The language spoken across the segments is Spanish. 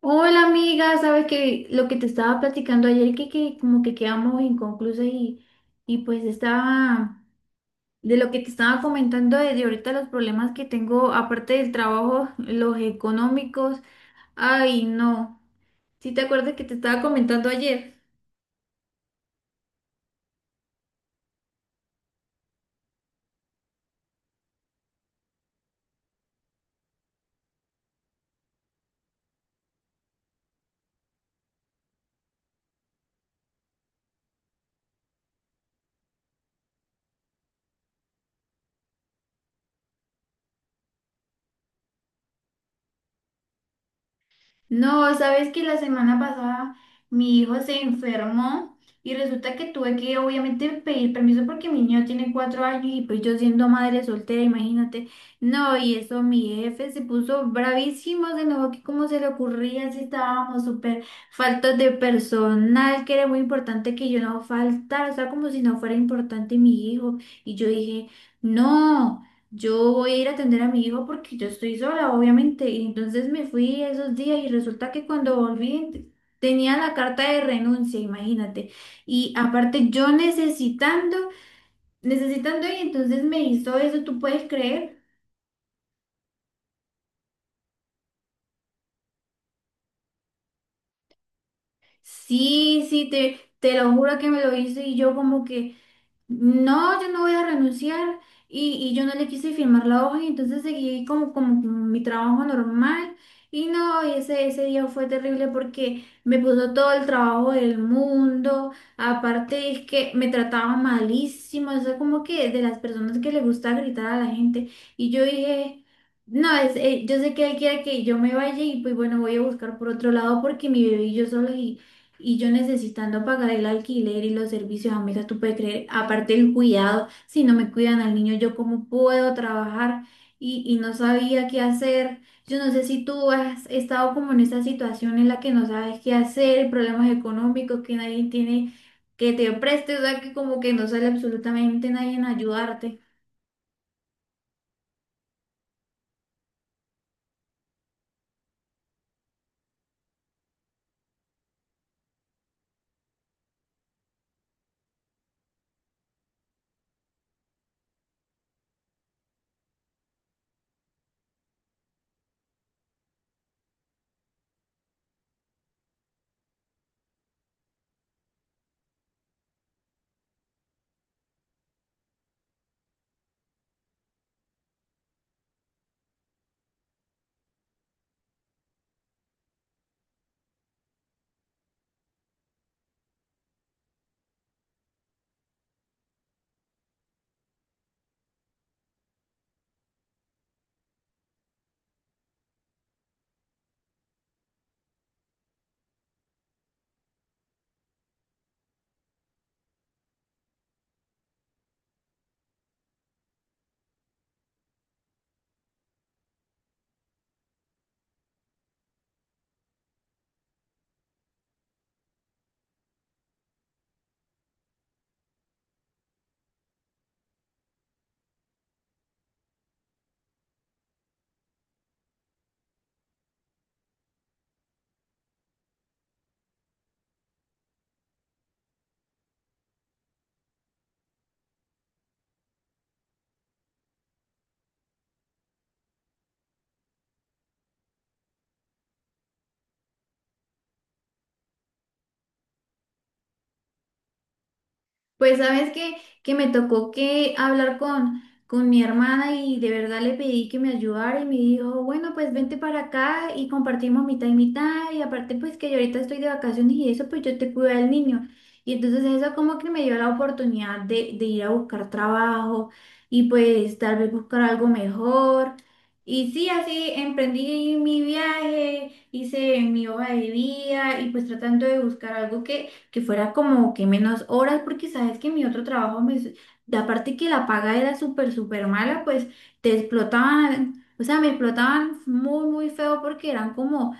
Hola amiga, sabes que lo que te estaba platicando ayer que como que quedamos inconclusas y pues estaba de lo que te estaba comentando de ahorita los problemas que tengo aparte del trabajo, los económicos, ay no, ¿sí te acuerdas que te estaba comentando ayer? No, sabes que la semana pasada mi hijo se enfermó y resulta que tuve que obviamente pedir permiso porque mi niño tiene 4 años y pues yo siendo madre soltera, imagínate. No, y eso mi jefe se puso bravísimo, se enojó que cómo se le ocurría si estábamos súper faltos de personal, que era muy importante que yo no faltara, o sea, como si no fuera importante mi hijo. Y yo dije, no. Yo voy a ir a atender a mi hijo porque yo estoy sola, obviamente. Y entonces me fui esos días y resulta que cuando volví tenía la carta de renuncia, imagínate. Y aparte yo necesitando y entonces me hizo eso, ¿tú puedes creer? Sí, sí, te lo juro que me lo hizo y yo como que... No, yo no voy a renunciar y yo no le quise firmar la hoja y entonces seguí como con mi trabajo normal y no, y ese día fue terrible porque me puso todo el trabajo del mundo, aparte es que me trataba malísimo, eso es como que de las personas que le gusta gritar a la gente y yo dije, no, es, yo sé que él quiere que yo me vaya y pues bueno, voy a buscar por otro lado porque mi bebé y yo solos y yo necesitando pagar el alquiler y los servicios, amiga, tú puedes creer, aparte el cuidado, si no me cuidan al niño, yo cómo puedo trabajar y no sabía qué hacer. Yo no sé si tú has estado como en esa situación en la que no sabes qué hacer, problemas económicos, que nadie tiene que te preste, o sea, que como que no sale absolutamente nadie en ayudarte. Pues sabes que me tocó que hablar con mi hermana y de verdad le pedí que me ayudara y me dijo, bueno, pues vente para acá y compartimos mitad y mitad y aparte pues que yo ahorita estoy de vacaciones y eso pues yo te cuido del niño. Y entonces eso como que me dio la oportunidad de ir a buscar trabajo y pues tal vez buscar algo mejor. Y sí, así emprendí mi viaje, hice mi hoja de vida y pues tratando de buscar algo que fuera como que menos horas, porque sabes que mi otro trabajo, de aparte que la paga era súper, súper mala, pues te explotaban, o sea, me explotaban muy, muy feo porque eran como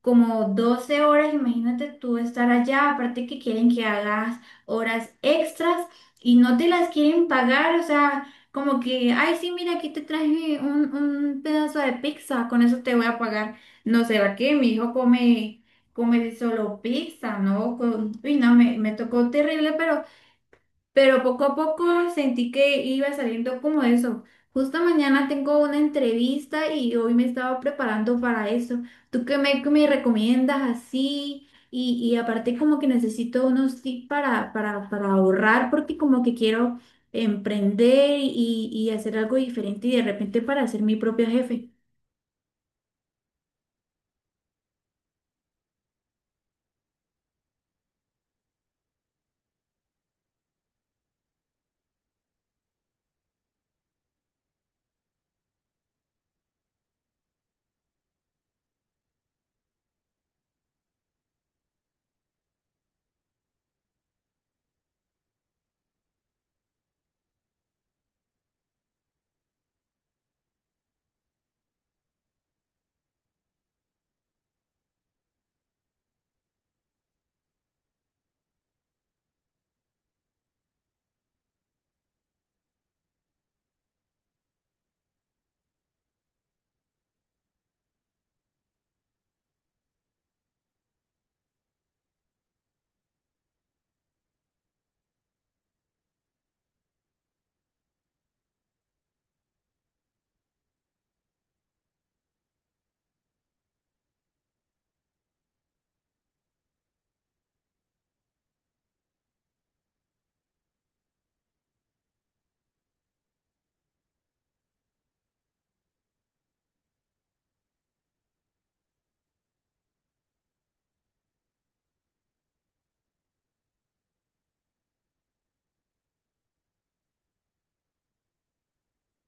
como 12 horas, imagínate tú estar allá, aparte que quieren que hagas horas extras y no te las quieren pagar, o sea, como que, ay, sí, mira, aquí te traje un pedazo de pizza, con eso te voy a pagar. No sé, ¿va qué? Mi hijo come, come solo pizza, ¿no? Uy, no, me tocó terrible, pero poco a poco sentí que iba saliendo como eso. Justo mañana tengo una entrevista y hoy me estaba preparando para eso. ¿Tú qué me recomiendas así? Y aparte como que necesito unos tips para ahorrar porque como que quiero emprender y hacer algo diferente y de repente para ser mi propio jefe.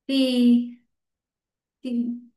Sí, sí,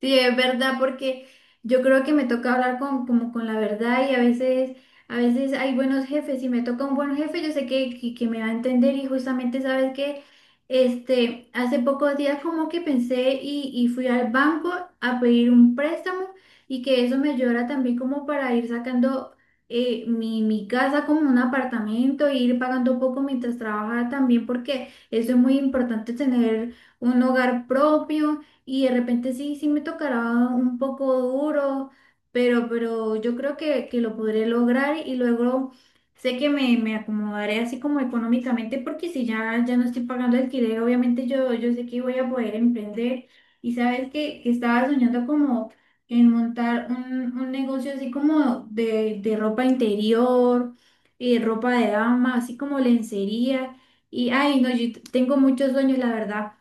sí, es verdad, porque yo creo que me toca hablar con, como con la verdad y a veces hay buenos jefes. Si me toca un buen jefe, yo sé que me va a entender y justamente sabes que este, hace pocos días como que pensé y fui al banco a pedir un préstamo y que eso me ayudara también como para ir sacando mi casa como un apartamento e ir pagando un poco mientras trabajaba también porque eso es muy importante tener un hogar propio y de repente sí, sí me tocará un poco duro, pero yo creo que lo podré lograr y luego sé me acomodaré así como económicamente porque si ya no estoy pagando alquiler, obviamente yo sé que voy a poder emprender y sabes que estaba soñando como en montar un negocio así como de ropa interior, ropa de dama, así como lencería y ay, no, yo tengo muchos sueños, la verdad.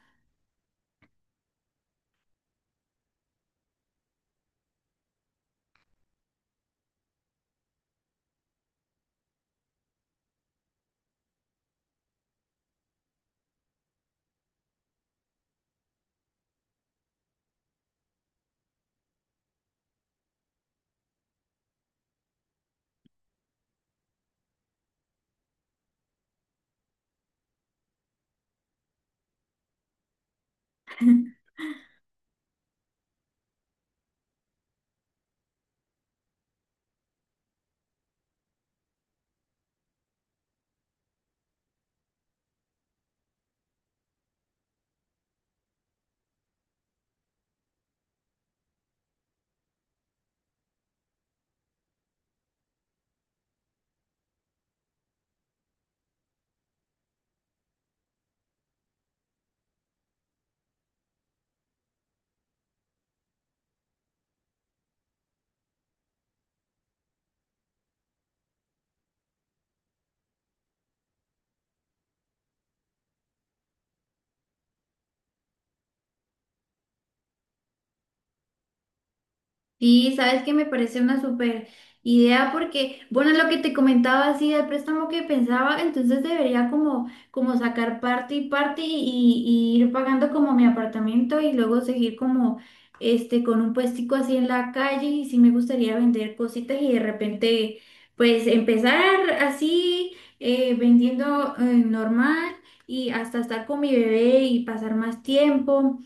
Sí, sabes que me parece una súper idea porque, bueno, lo que te comentaba así del préstamo que pensaba, entonces debería como sacar parte y parte y ir pagando como mi apartamento y luego seguir como este con un puestico así en la calle y sí me gustaría vender cositas y de repente pues empezar así vendiendo normal y hasta estar con mi bebé y pasar más tiempo.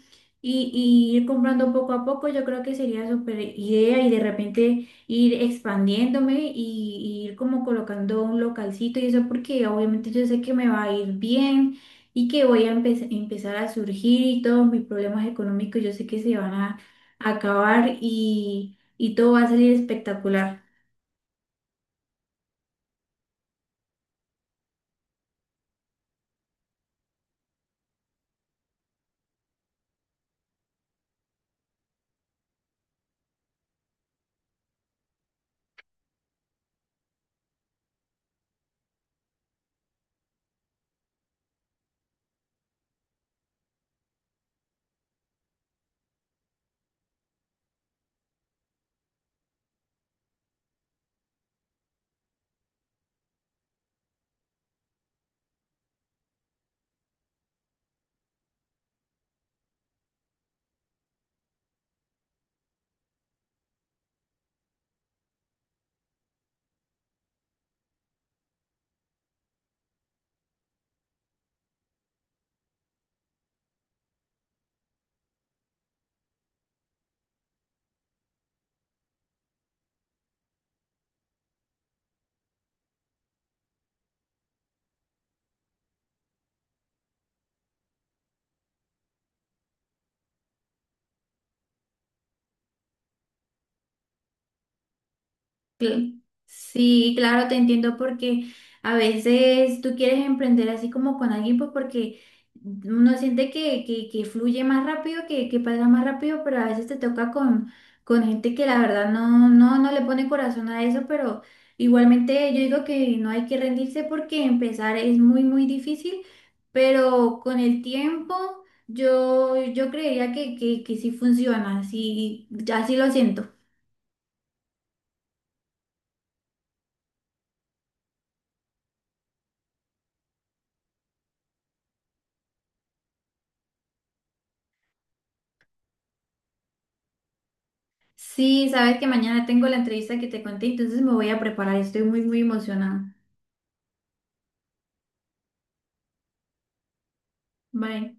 Y ir comprando poco a poco, yo creo que sería súper idea y de repente ir expandiéndome y ir como colocando un localcito y eso porque obviamente yo sé que me va a ir bien y que voy a empezar a surgir y todos mis problemas económicos yo sé que se van a acabar y todo va a salir espectacular. Cl- Sí, claro, te entiendo porque a veces tú quieres emprender así como con alguien, pues porque uno siente que fluye más rápido, que pasa más rápido, pero a veces te toca con gente que la verdad no, no, no le pone corazón a eso, pero igualmente yo digo que no hay que rendirse porque empezar es muy, muy difícil, pero con el tiempo yo creería que sí funciona, sí, ya sí lo siento. Sí, sabes que mañana tengo la entrevista que te conté, entonces me voy a preparar. Estoy muy, muy emocionada. Bye.